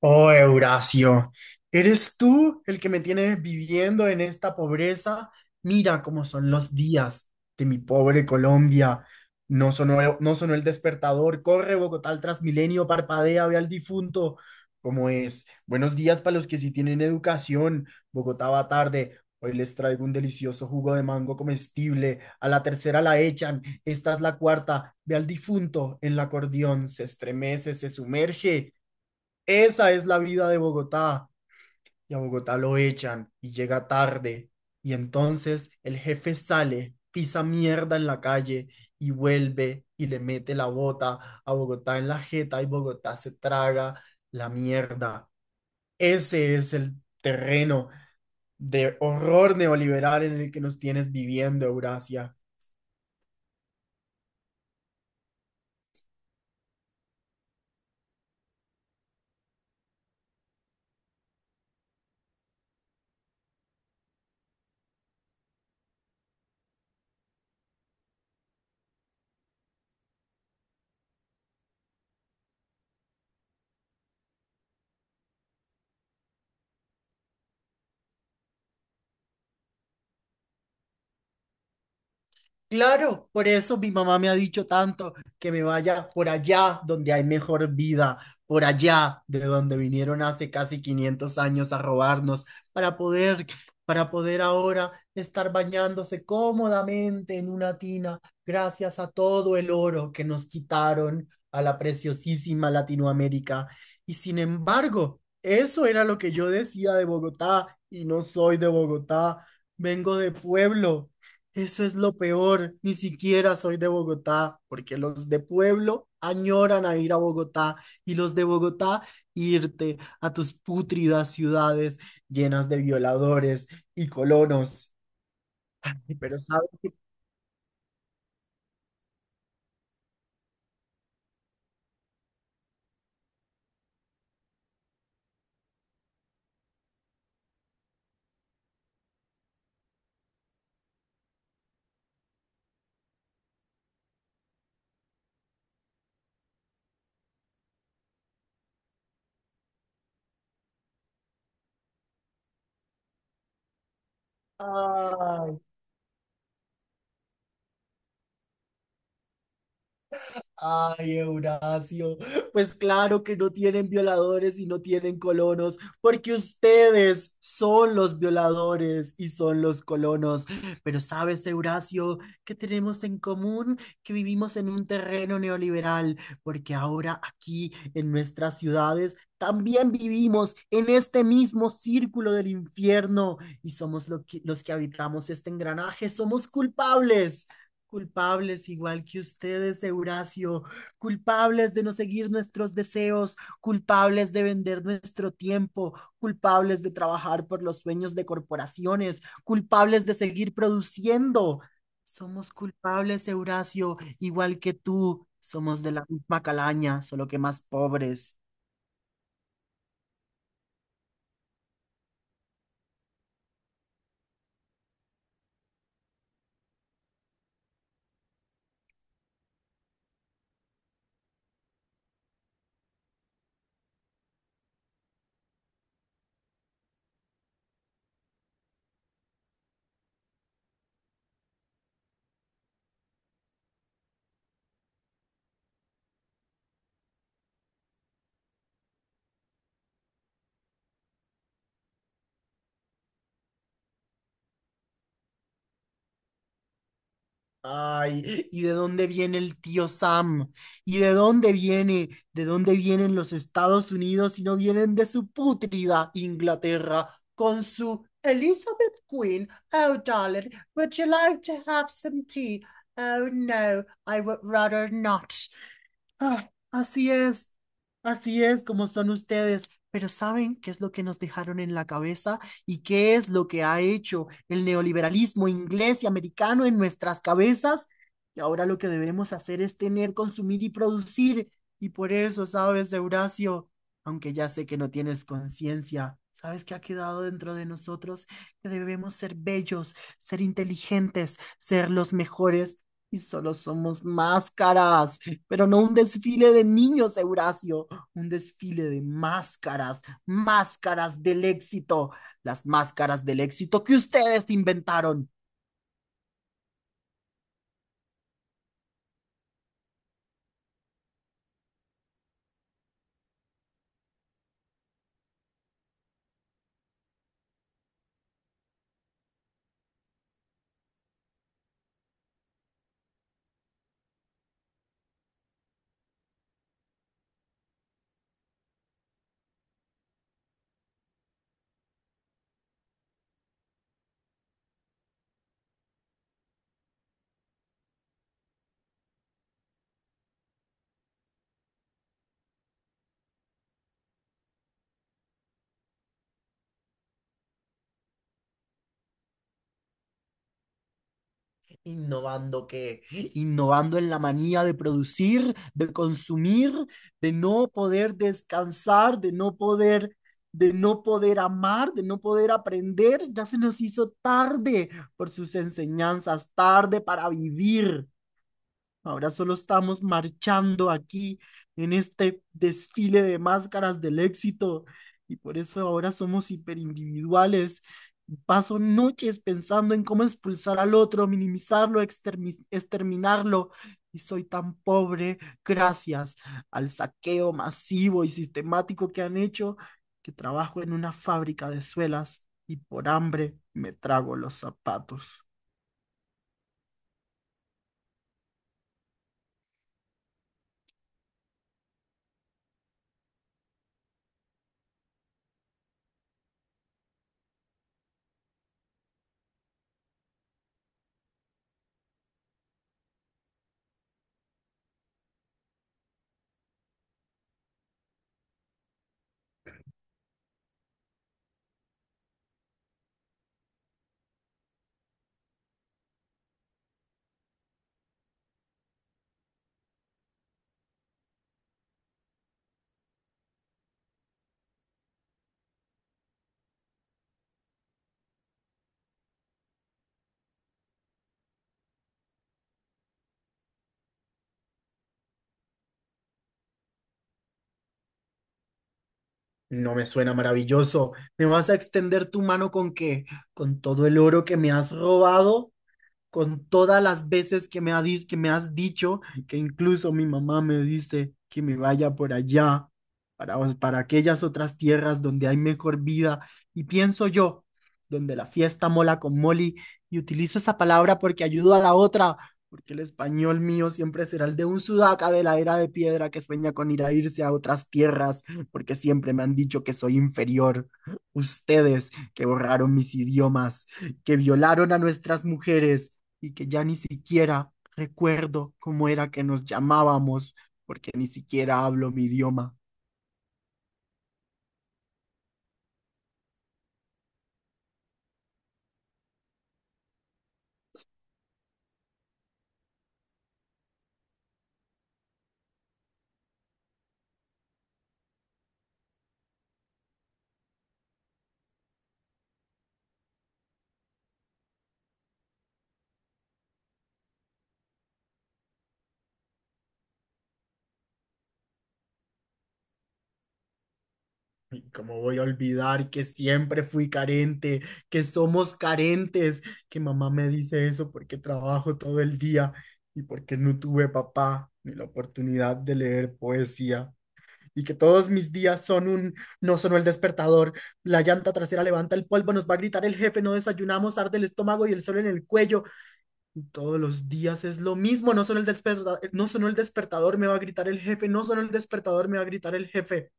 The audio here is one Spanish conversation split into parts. Oh, Eurasio, ¿eres tú el que me tienes viviendo en esta pobreza? Mira cómo son los días de mi pobre Colombia. No sonó, no sonó el despertador. Corre, Bogotá, al Transmilenio, parpadea, ve al difunto. ¿Cómo es? Buenos días para los que sí tienen educación. Bogotá va tarde. Hoy les traigo un delicioso jugo de mango comestible. A la tercera la echan. Esta es la cuarta. Ve al difunto en el acordeón. Se estremece, se sumerge. Esa es la vida de Bogotá. Y a Bogotá lo echan y llega tarde. Y entonces el jefe sale, pisa mierda en la calle y vuelve y le mete la bota a Bogotá en la jeta y Bogotá se traga la mierda. Ese es el terreno de horror neoliberal en el que nos tienes viviendo, Eurasia. Claro, por eso mi mamá me ha dicho tanto que me vaya por allá donde hay mejor vida, por allá de donde vinieron hace casi 500 años a robarnos para poder, para poder ahora estar bañándose cómodamente en una tina gracias a todo el oro que nos quitaron a la preciosísima Latinoamérica. Y sin embargo, eso era lo que yo decía de Bogotá y no soy de Bogotá, vengo de pueblo. Eso es lo peor, ni siquiera soy de Bogotá, porque los de pueblo añoran a ir a Bogotá y los de Bogotá irte a tus pútridas ciudades llenas de violadores y colonos. Pero sabes, Ay, Eurasio, pues claro que no tienen violadores y no tienen colonos, porque ustedes son los violadores y son los colonos. Pero sabes, Eurasio, ¿qué tenemos en común? Que vivimos en un terreno neoliberal, porque ahora aquí en nuestras ciudades también vivimos en este mismo círculo del infierno y somos los que habitamos este engranaje, somos culpables. Culpables igual que ustedes, Eurasio, culpables de no seguir nuestros deseos, culpables de vender nuestro tiempo, culpables de trabajar por los sueños de corporaciones, culpables de seguir produciendo. Somos culpables, Eurasio, igual que tú. Somos de la misma calaña, solo que más pobres. Ay, ¿y de dónde viene el tío Sam? ¿Y de dónde viene? ¿De dónde vienen los Estados Unidos si no vienen de su pútrida Inglaterra con su Elizabeth Queen? Oh, darling, would you like to have some tea? Oh, no, I would rather not. Ah, así es como son ustedes. Pero ¿saben qué es lo que nos dejaron en la cabeza y qué es lo que ha hecho el neoliberalismo inglés y americano en nuestras cabezas? Y ahora lo que debemos hacer es tener, consumir y producir. Y por eso, ¿sabes, Eurasio? Aunque ya sé que no tienes conciencia, ¿sabes qué ha quedado dentro de nosotros? Que debemos ser bellos, ser inteligentes, ser los mejores y solo somos máscaras pero no un desfile de niños, Eurasio, un desfile de máscaras, máscaras del éxito, las máscaras del éxito que ustedes inventaron. ¿Innovando qué? Innovando en la manía de producir, de consumir, de no poder descansar, de no poder amar, de no poder aprender, ya se nos hizo tarde por sus enseñanzas, tarde para vivir. Ahora solo estamos marchando aquí en este desfile de máscaras del éxito y por eso ahora somos hiperindividuales. Paso noches pensando en cómo expulsar al otro, minimizarlo, exterminarlo. Y soy tan pobre gracias al saqueo masivo y sistemático que han hecho que trabajo en una fábrica de suelas y por hambre me trago los zapatos. No me suena maravilloso. ¿Me vas a extender tu mano con qué? ¿Con todo el oro que me has robado? Con todas las veces que que me has dicho, que incluso mi mamá me dice que me vaya por allá, para aquellas otras tierras donde hay mejor vida. Y pienso yo, donde la fiesta mola con Molly, y utilizo esa palabra porque ayudo a la otra, porque el español mío siempre será el de un sudaca de la era de piedra que sueña con ir a irse a otras tierras, porque siempre me han dicho que soy inferior. Ustedes que borraron mis idiomas, que violaron a nuestras mujeres, y que ya ni siquiera recuerdo cómo era que nos llamábamos, porque ni siquiera hablo mi idioma. ¿Y cómo voy a olvidar que siempre fui carente, que somos carentes, que mamá me dice eso porque trabajo todo el día y porque no tuve papá ni la oportunidad de leer poesía? Y que todos mis días son un, no sonó el despertador, la llanta trasera levanta el polvo, nos va a gritar el jefe, no desayunamos, arde el estómago y el sol en el cuello. Todos los días es lo mismo, no solo el despertador, no sonó el despertador, me va a gritar el jefe, no solo el despertador, me va a gritar el jefe.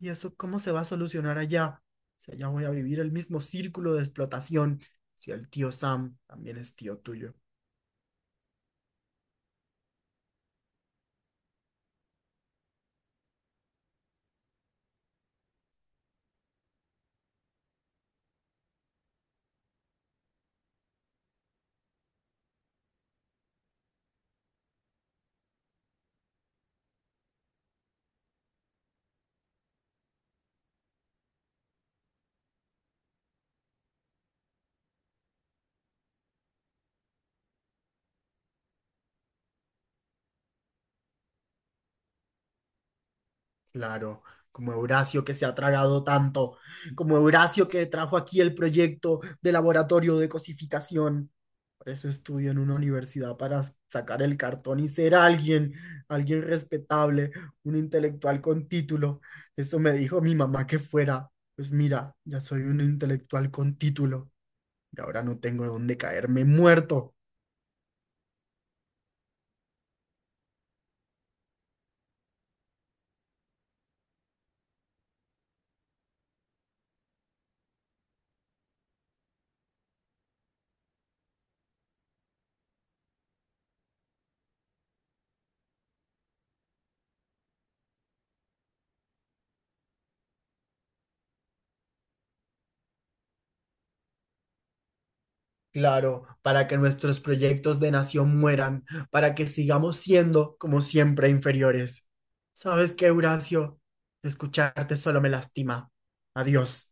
¿Y eso cómo se va a solucionar allá? Si allá voy a vivir el mismo círculo de explotación, si el tío Sam también es tío tuyo. Claro, como Eurasio que se ha tragado tanto, como Eurasio que trajo aquí el proyecto de laboratorio de cosificación. Por eso estudio en una universidad para sacar el cartón y ser alguien, alguien respetable, un intelectual con título. Eso me dijo mi mamá que fuera. Pues mira, ya soy un intelectual con título y ahora no tengo dónde caerme muerto. Claro, para que nuestros proyectos de nación mueran, para que sigamos siendo, como siempre, inferiores. ¿Sabes qué, Horacio? Escucharte solo me lastima. Adiós.